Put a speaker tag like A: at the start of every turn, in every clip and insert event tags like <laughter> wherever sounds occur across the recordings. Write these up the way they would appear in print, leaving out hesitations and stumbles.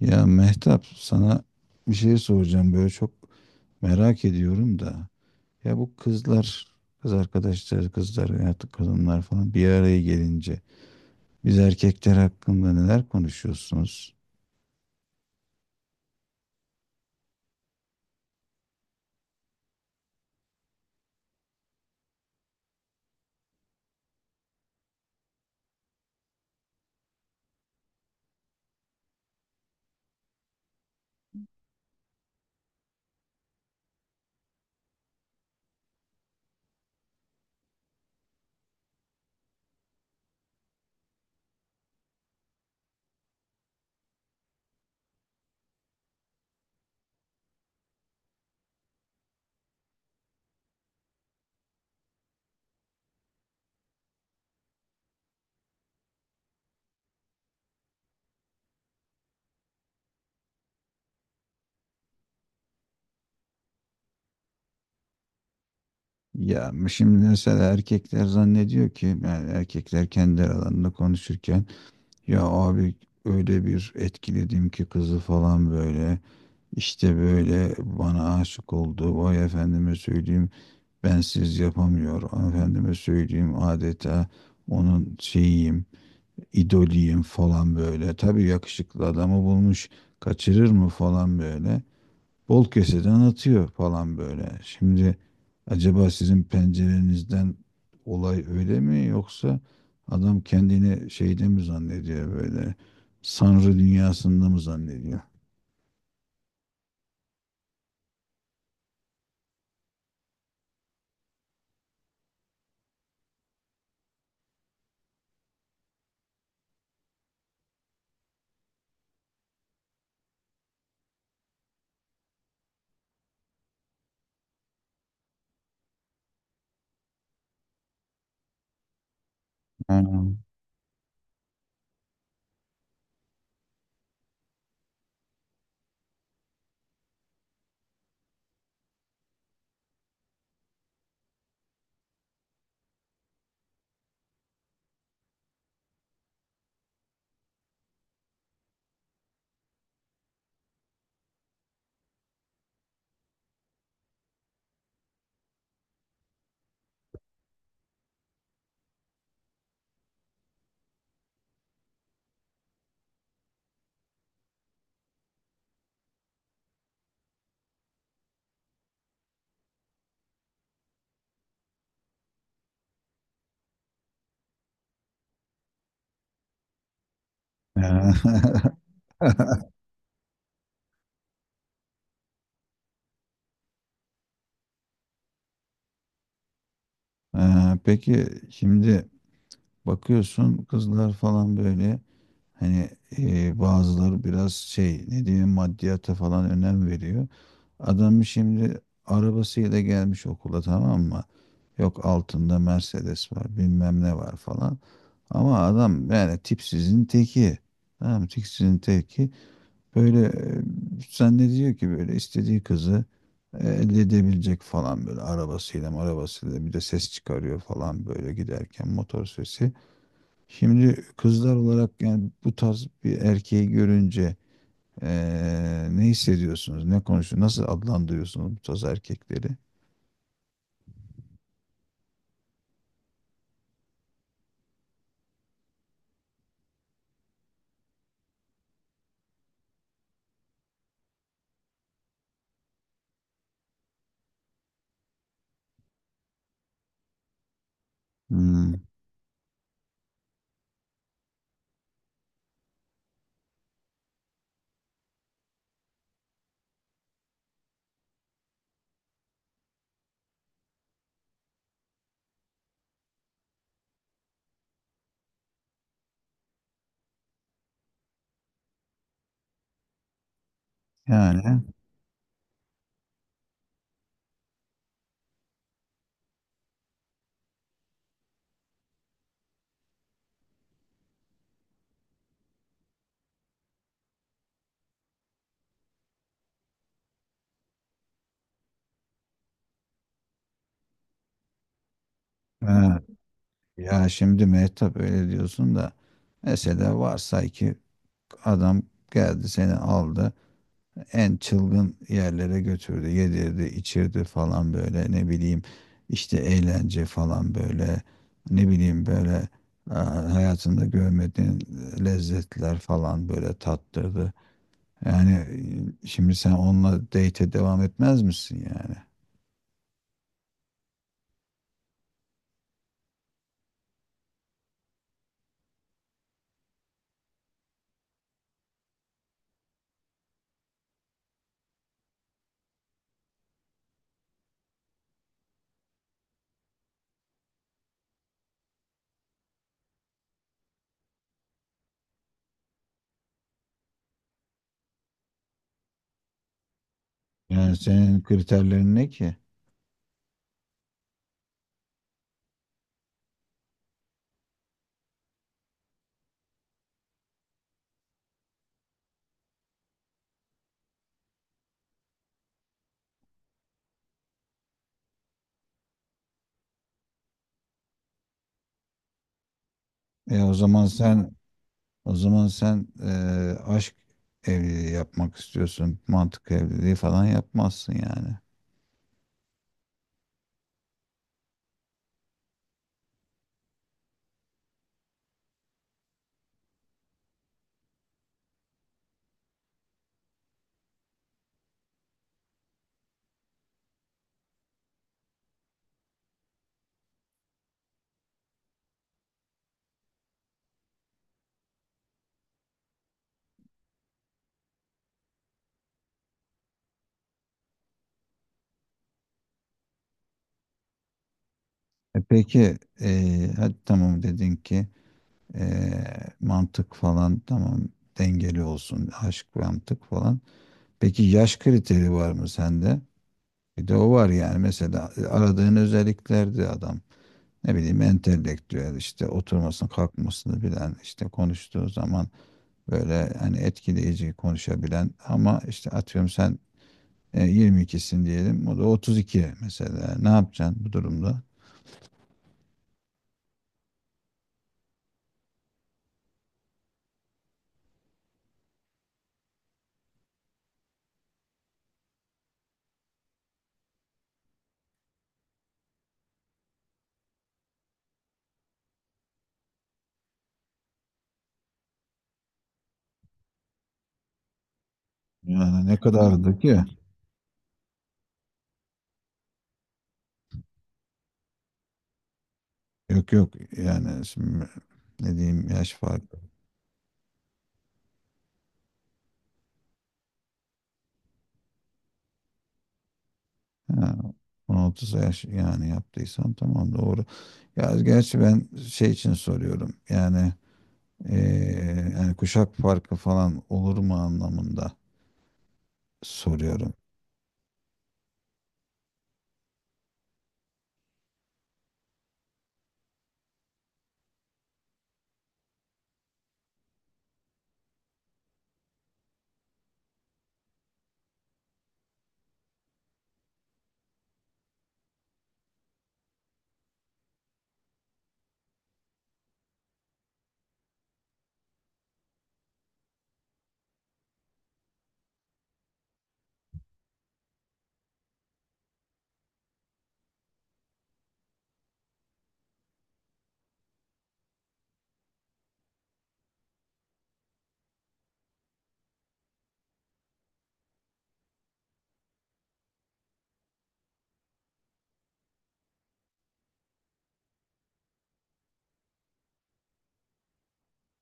A: Ya Mehtap sana bir şey soracağım böyle çok merak ediyorum da. Ya bu kızlar, kız arkadaşlar, kızlar artık kadınlar falan bir araya gelince biz erkekler hakkında neler konuşuyorsunuz? Ya şimdi mesela erkekler zannediyor ki yani erkekler kendi aralarında konuşurken ya abi öyle bir etkiledim ki kızı falan böyle işte böyle bana aşık oldu vay efendime söyleyeyim bensiz yapamıyor. Efendime söyleyeyim adeta onun şeyiyim, idoliyim falan böyle. Tabii yakışıklı adamı bulmuş, kaçırır mı falan böyle. Bol keseden atıyor falan böyle. Şimdi acaba sizin pencerenizden olay öyle mi yoksa adam kendini şeyde mi zannediyor böyle? Sanrı dünyasında mı zannediyor? Ha. Ha. <laughs> Ha. Peki şimdi bakıyorsun kızlar falan böyle hani bazıları biraz şey ne diyeyim maddiyata falan önem veriyor. Adam şimdi arabasıyla gelmiş okula, tamam mı? Yok altında Mercedes var bilmem ne var falan. Ama adam yani tipsizin teki. Tamam mı? Tipsizin teki. Böyle zannediyor ki böyle istediği kızı elde edebilecek falan böyle arabasıyla bir de ses çıkarıyor falan böyle giderken motor sesi. Şimdi kızlar olarak yani bu tarz bir erkeği görünce ne hissediyorsunuz? Ne konuşuyorsunuz? Nasıl adlandırıyorsunuz bu tarz erkekleri? Hmm, Yani ha, ya şimdi Mehtap öyle diyorsun da mesela varsay ki adam geldi seni aldı. En çılgın yerlere götürdü. Yedirdi, içirdi falan böyle ne bileyim işte eğlence falan böyle ne bileyim böyle e, hayatında görmediğin lezzetler falan böyle tattırdı. Yani şimdi sen onunla date'e devam etmez misin yani? Yani senin kriterlerin ne ki? E o zaman sen o zaman sen e, aşk evliliği yapmak istiyorsun. Mantık evliliği falan yapmazsın yani. E peki hadi tamam dedin ki e, mantık falan tamam dengeli olsun aşk mantık falan. Peki yaş kriteri var mı sende? Bir de o var yani mesela aradığın özelliklerde adam ne bileyim entelektüel işte oturmasını kalkmasını bilen işte konuştuğu zaman böyle hani etkileyici konuşabilen ama işte atıyorum sen 22'sin diyelim o da 32 mesela ne yapacaksın bu durumda? Yani ne kadardı ki? Yok yok yani şimdi ne diyeyim yaş farkı. Ha, 16 yaş yani yaptıysam tamam doğru. Ya gerçi ben şey için soruyorum yani yani kuşak farkı falan olur mu anlamında soruyorum.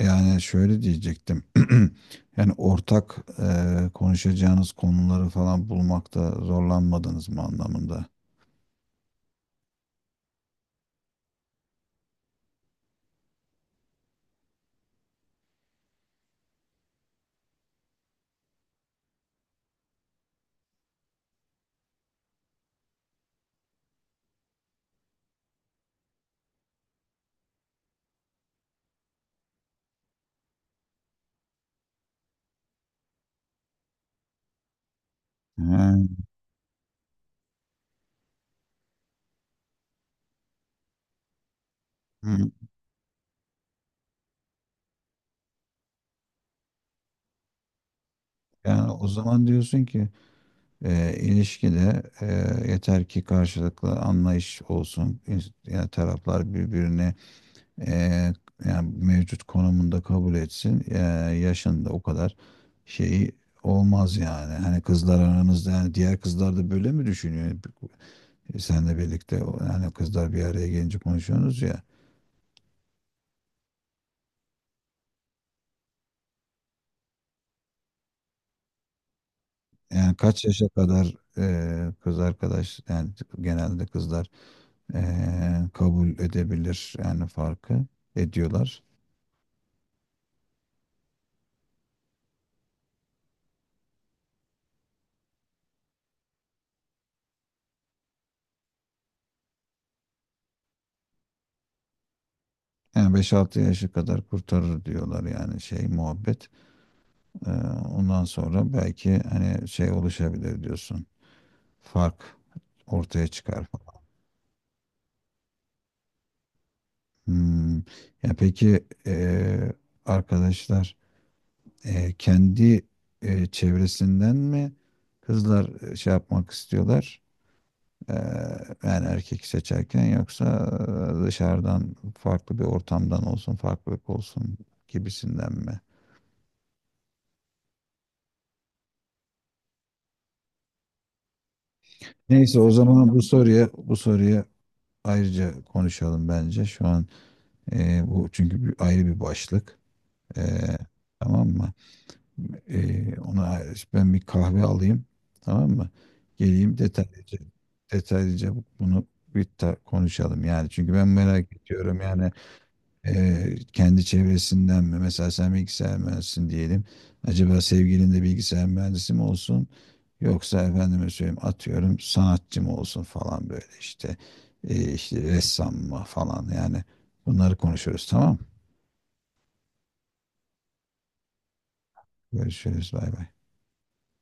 A: Yani şöyle diyecektim. <clears throat> Yani ortak konuşacağınız konuları falan bulmakta zorlanmadınız mı anlamında. Ha. Hı. Yani o zaman diyorsun ki ilişkide yeter ki karşılıklı anlayış olsun. Yani taraflar birbirini e, yani mevcut konumunda kabul etsin. Yaşında o kadar şeyi olmaz yani. Hani kızlar aranızda yani diğer kızlar da böyle mi düşünüyor? Senle birlikte yani kızlar bir araya gelince konuşuyorsunuz ya. Yani kaç yaşa kadar kız arkadaş yani genelde kızlar kabul edebilir yani farkı ediyorlar. Yani 5-6 yaşa kadar kurtarır diyorlar yani şey muhabbet. Ee, ondan sonra belki hani şey oluşabilir diyorsun. Fark ortaya çıkar falan. Hmm. Ya peki arkadaşlar kendi çevresinden mi kızlar şey yapmak istiyorlar? Ee, yani erkek seçerken yoksa dışarıdan farklı bir ortamdan olsun, farklılık olsun gibisinden mi? Neyse o zaman bu soruya ayrıca konuşalım bence. Şu an bu çünkü bir, ayrı bir başlık. E, tamam mı? Ona ben bir kahve alayım. Tamam mı? Geleyim detaylıca bunu bir konuşalım yani. Çünkü ben merak ediyorum yani kendi çevresinden mi? Mesela sen bilgisayar mühendisisin diyelim. Acaba sevgilin de bilgisayar mühendisi mi olsun? Yoksa efendime söyleyeyim atıyorum sanatçı mı olsun falan böyle işte. İşte ressam mı falan yani. Bunları konuşuruz, tamam mı? Görüşürüz bay bay.